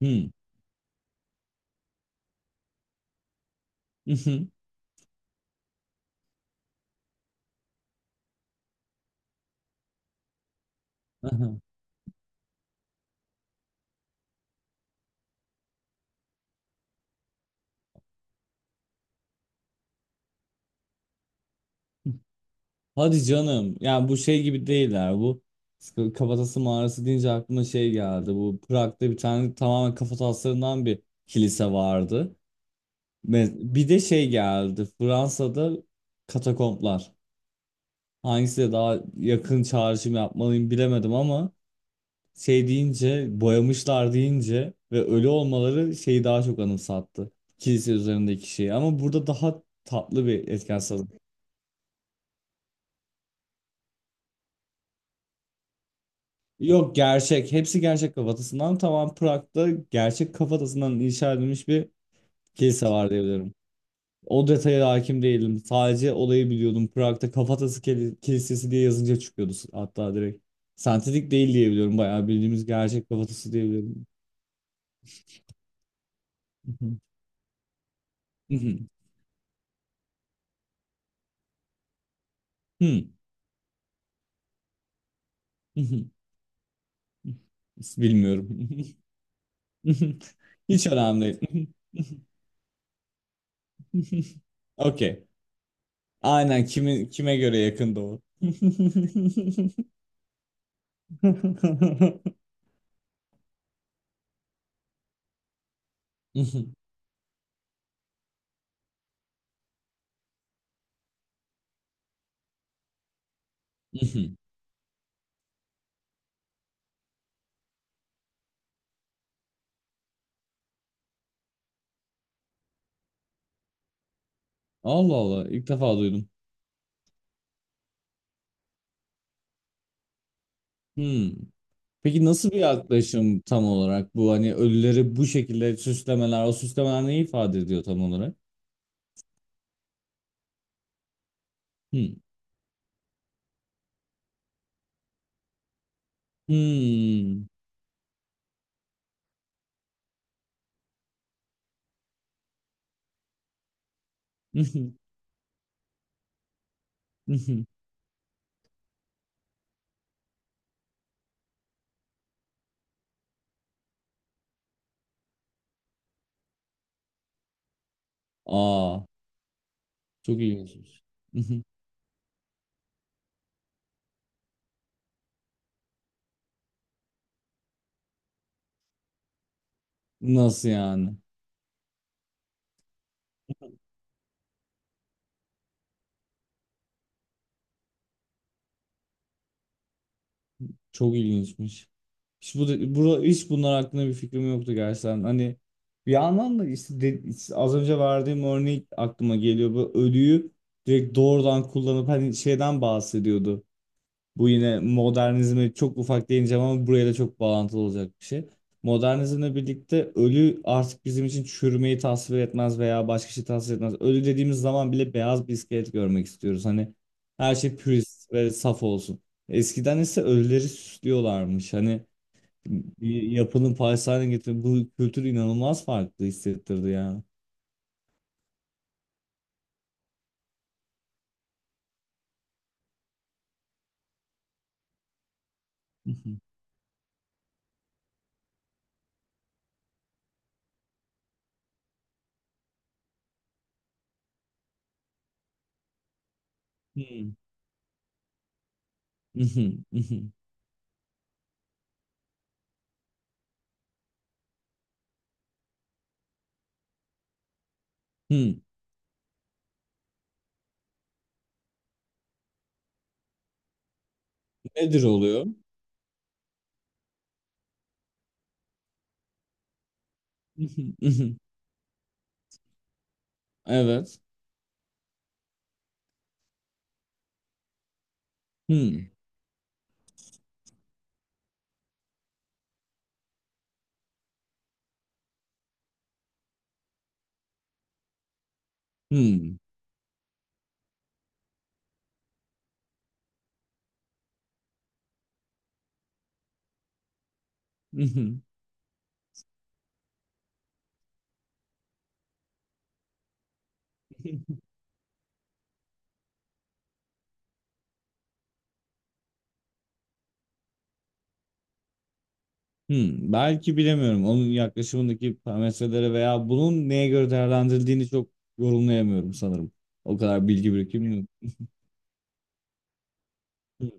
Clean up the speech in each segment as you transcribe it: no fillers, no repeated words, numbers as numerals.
Hmm. Mhm. Aha. Hadi canım! Yani bu şey gibi değiller bu. Kafatası mağarası deyince aklıma şey geldi. Bu Prag'da bir tane tamamen kafataslarından bir kilise vardı. Bir de şey geldi. Fransa'da katakomplar. Hangisiyle daha yakın çağrışım yapmalıyım bilemedim ama şey deyince, boyamışlar deyince ve ölü olmaları şeyi daha çok anımsattı. Kilise üzerindeki şeyi. Ama burada daha tatlı bir etken. Yok, gerçek. Hepsi gerçek kafatasından. Tamam, Prag'da gerçek kafatasından inşa edilmiş bir kilise var diyebilirim. O detaya da hakim değilim. Sadece olayı biliyordum. Prag'da kafatası kilisesi diye yazınca çıkıyordu hatta direkt. Sentetik değil diyebiliyorum. Bayağı bildiğimiz gerçek kafatası diyebilirim. Bilmiyorum. Hiç önemli değil. Okey. Aynen, kime göre yakında o. Mhm. Allah Allah, ilk defa duydum. Hmm. Peki nasıl bir yaklaşım tam olarak bu, hani ölüleri bu şekilde süslemeler, o süslemeler ne ifade ediyor tam olarak? Hmm. Hmm. Mhm. Mhm. Aa, çok ilginçmiş. Mhm. Nasıl yani? Çok ilginçmiş. Hiç, bu, hiç, bunlar hakkında bir fikrim yoktu gerçekten. Hani bir yandan da işte az önce verdiğim örnek aklıma geliyor. Bu ölüyü direkt doğrudan kullanıp hani şeyden bahsediyordu. Bu yine modernizme çok ufak değineceğim, ama buraya da çok bağlantılı olacak bir şey. Modernizmle birlikte ölü artık bizim için çürümeyi tasvir etmez veya başka şey tasvir etmez. Ölü dediğimiz zaman bile beyaz bir iskelet görmek istiyoruz. Hani her şey pürist ve saf olsun. Eskiden ise ölüleri süslüyorlarmış. Hani bir yapının parçası haline getirip, bu kültür inanılmaz farklı hissettirdi ya. Mhm. Hmm. Mhm. Mhm. Hmm. Nedir oluyor? Mhm. Mhm. Evet. Hmm. Hmm. Hı hı. Hmm, belki bilemiyorum. Onun yaklaşımındaki parametrelere veya bunun neye göre değerlendirildiğini çok yorumlayamıyorum sanırım. O kadar bilgi birikimim yok. Hmm.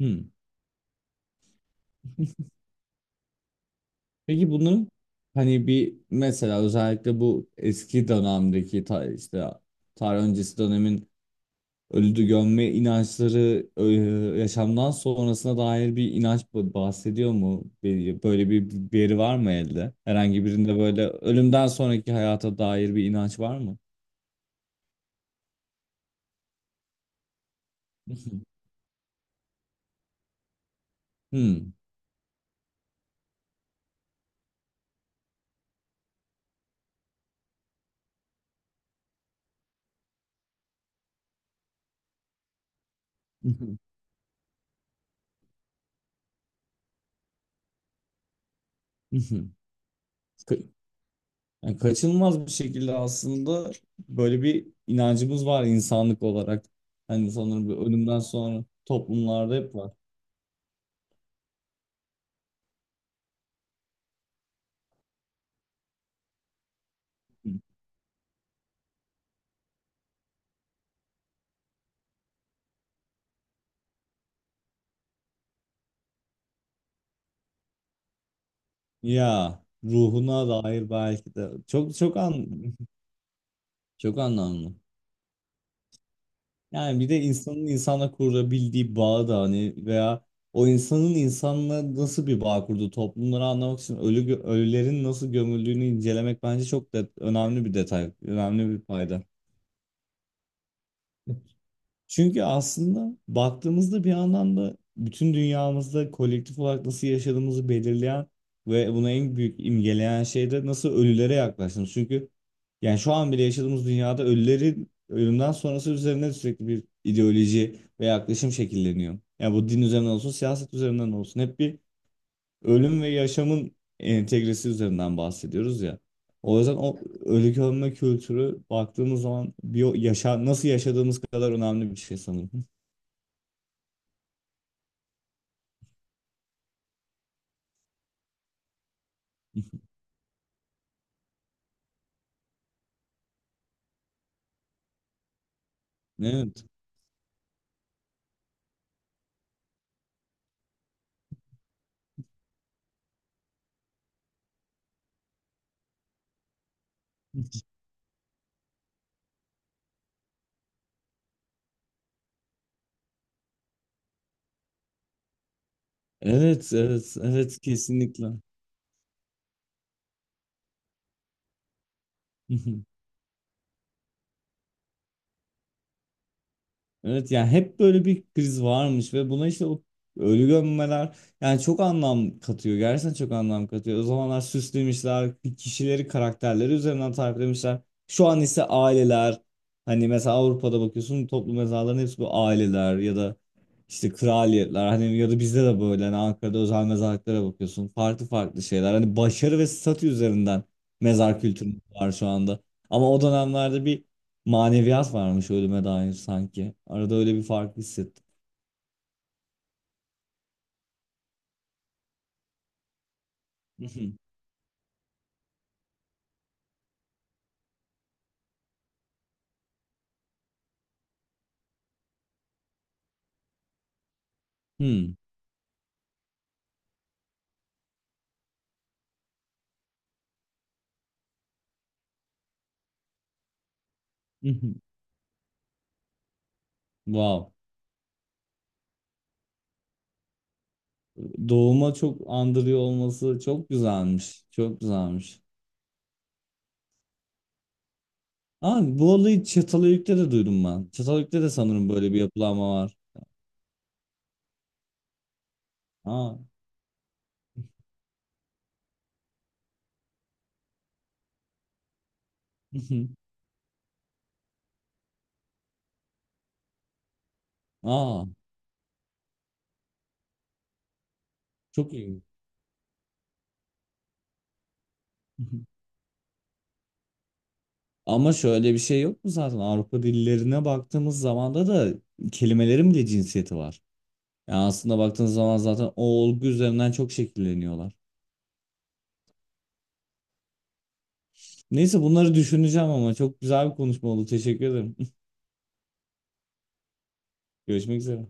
Hmm. Peki bunun, hani bir mesela özellikle bu eski dönemdeki işte tarih öncesi dönemin ölüdü gömme inançları yaşamdan sonrasına dair bir inanç bahsediyor mu? Böyle bir veri var mı elde? Herhangi birinde böyle ölümden sonraki hayata dair bir inanç var mı? Hmm. Ka- yani kaçınılmaz bir şekilde aslında böyle bir inancımız var insanlık olarak. Hani sanırım bir, ölümden sonra toplumlarda hep var. Hı. Ya ruhuna dair belki de çok çok an... çok anlamlı. Yani bir de insanın insana kurabildiği bağ da hani, veya o insanın insanla nasıl bir bağ kurduğu toplumları anlamak için ölü ölülerin nasıl gömüldüğünü incelemek bence çok da önemli bir detay, önemli bir fayda. Çünkü aslında baktığımızda bir anlamda bütün dünyamızda kolektif olarak nasıl yaşadığımızı belirleyen ve buna en büyük imgeleyen şey de nasıl ölülere yaklaştığımız. Çünkü yani şu an bile yaşadığımız dünyada ölülerin ölümden sonrası üzerine sürekli bir ideoloji ve yaklaşım şekilleniyor. Yani bu din üzerinden olsun, siyaset üzerinden olsun. Hep bir ölüm ve yaşamın entegresi üzerinden bahsediyoruz ya. O yüzden o ölü gömme kültürü, baktığımız zaman bir yaşa, nasıl yaşadığımız kadar önemli bir şey sanırım. Evet. Evet, evet, evet, kesinlikle. Evet, yani hep böyle bir kriz varmış ve buna işte o ölü gömmeler yani çok anlam katıyor. Gerçekten çok anlam katıyor. O zamanlar süslemişler, kişileri, karakterleri üzerinden tariflemişler. Şu an ise aileler, hani mesela Avrupa'da bakıyorsun toplu mezarların hepsi bu aileler, ya da işte kraliyetler, hani ya da bizde de böyle hani Ankara'da özel mezarlıklara bakıyorsun. Farklı farklı şeyler. Hani başarı ve statü üzerinden mezar kültürü var şu anda. Ama o dönemlerde bir maneviyat varmış ölüme dair sanki. Arada öyle bir fark hissettim. Hmm. Wow. Doğuma çok andırıyor olması çok güzelmiş. Çok güzelmiş. Aa, bu olayı Çatalhöyük'te de duydum ben. Çatalhöyük'te de sanırım böyle bir yapılanma var. Aa. Aa, çok iyi. Ama şöyle bir şey yok mu, zaten Avrupa dillerine baktığımız zaman da kelimelerin bile cinsiyeti var. Yani aslında baktığınız zaman zaten o olgu üzerinden çok şekilleniyorlar. Neyse, bunları düşüneceğim, ama çok güzel bir konuşma oldu. Teşekkür ederim. Görüşmek üzere.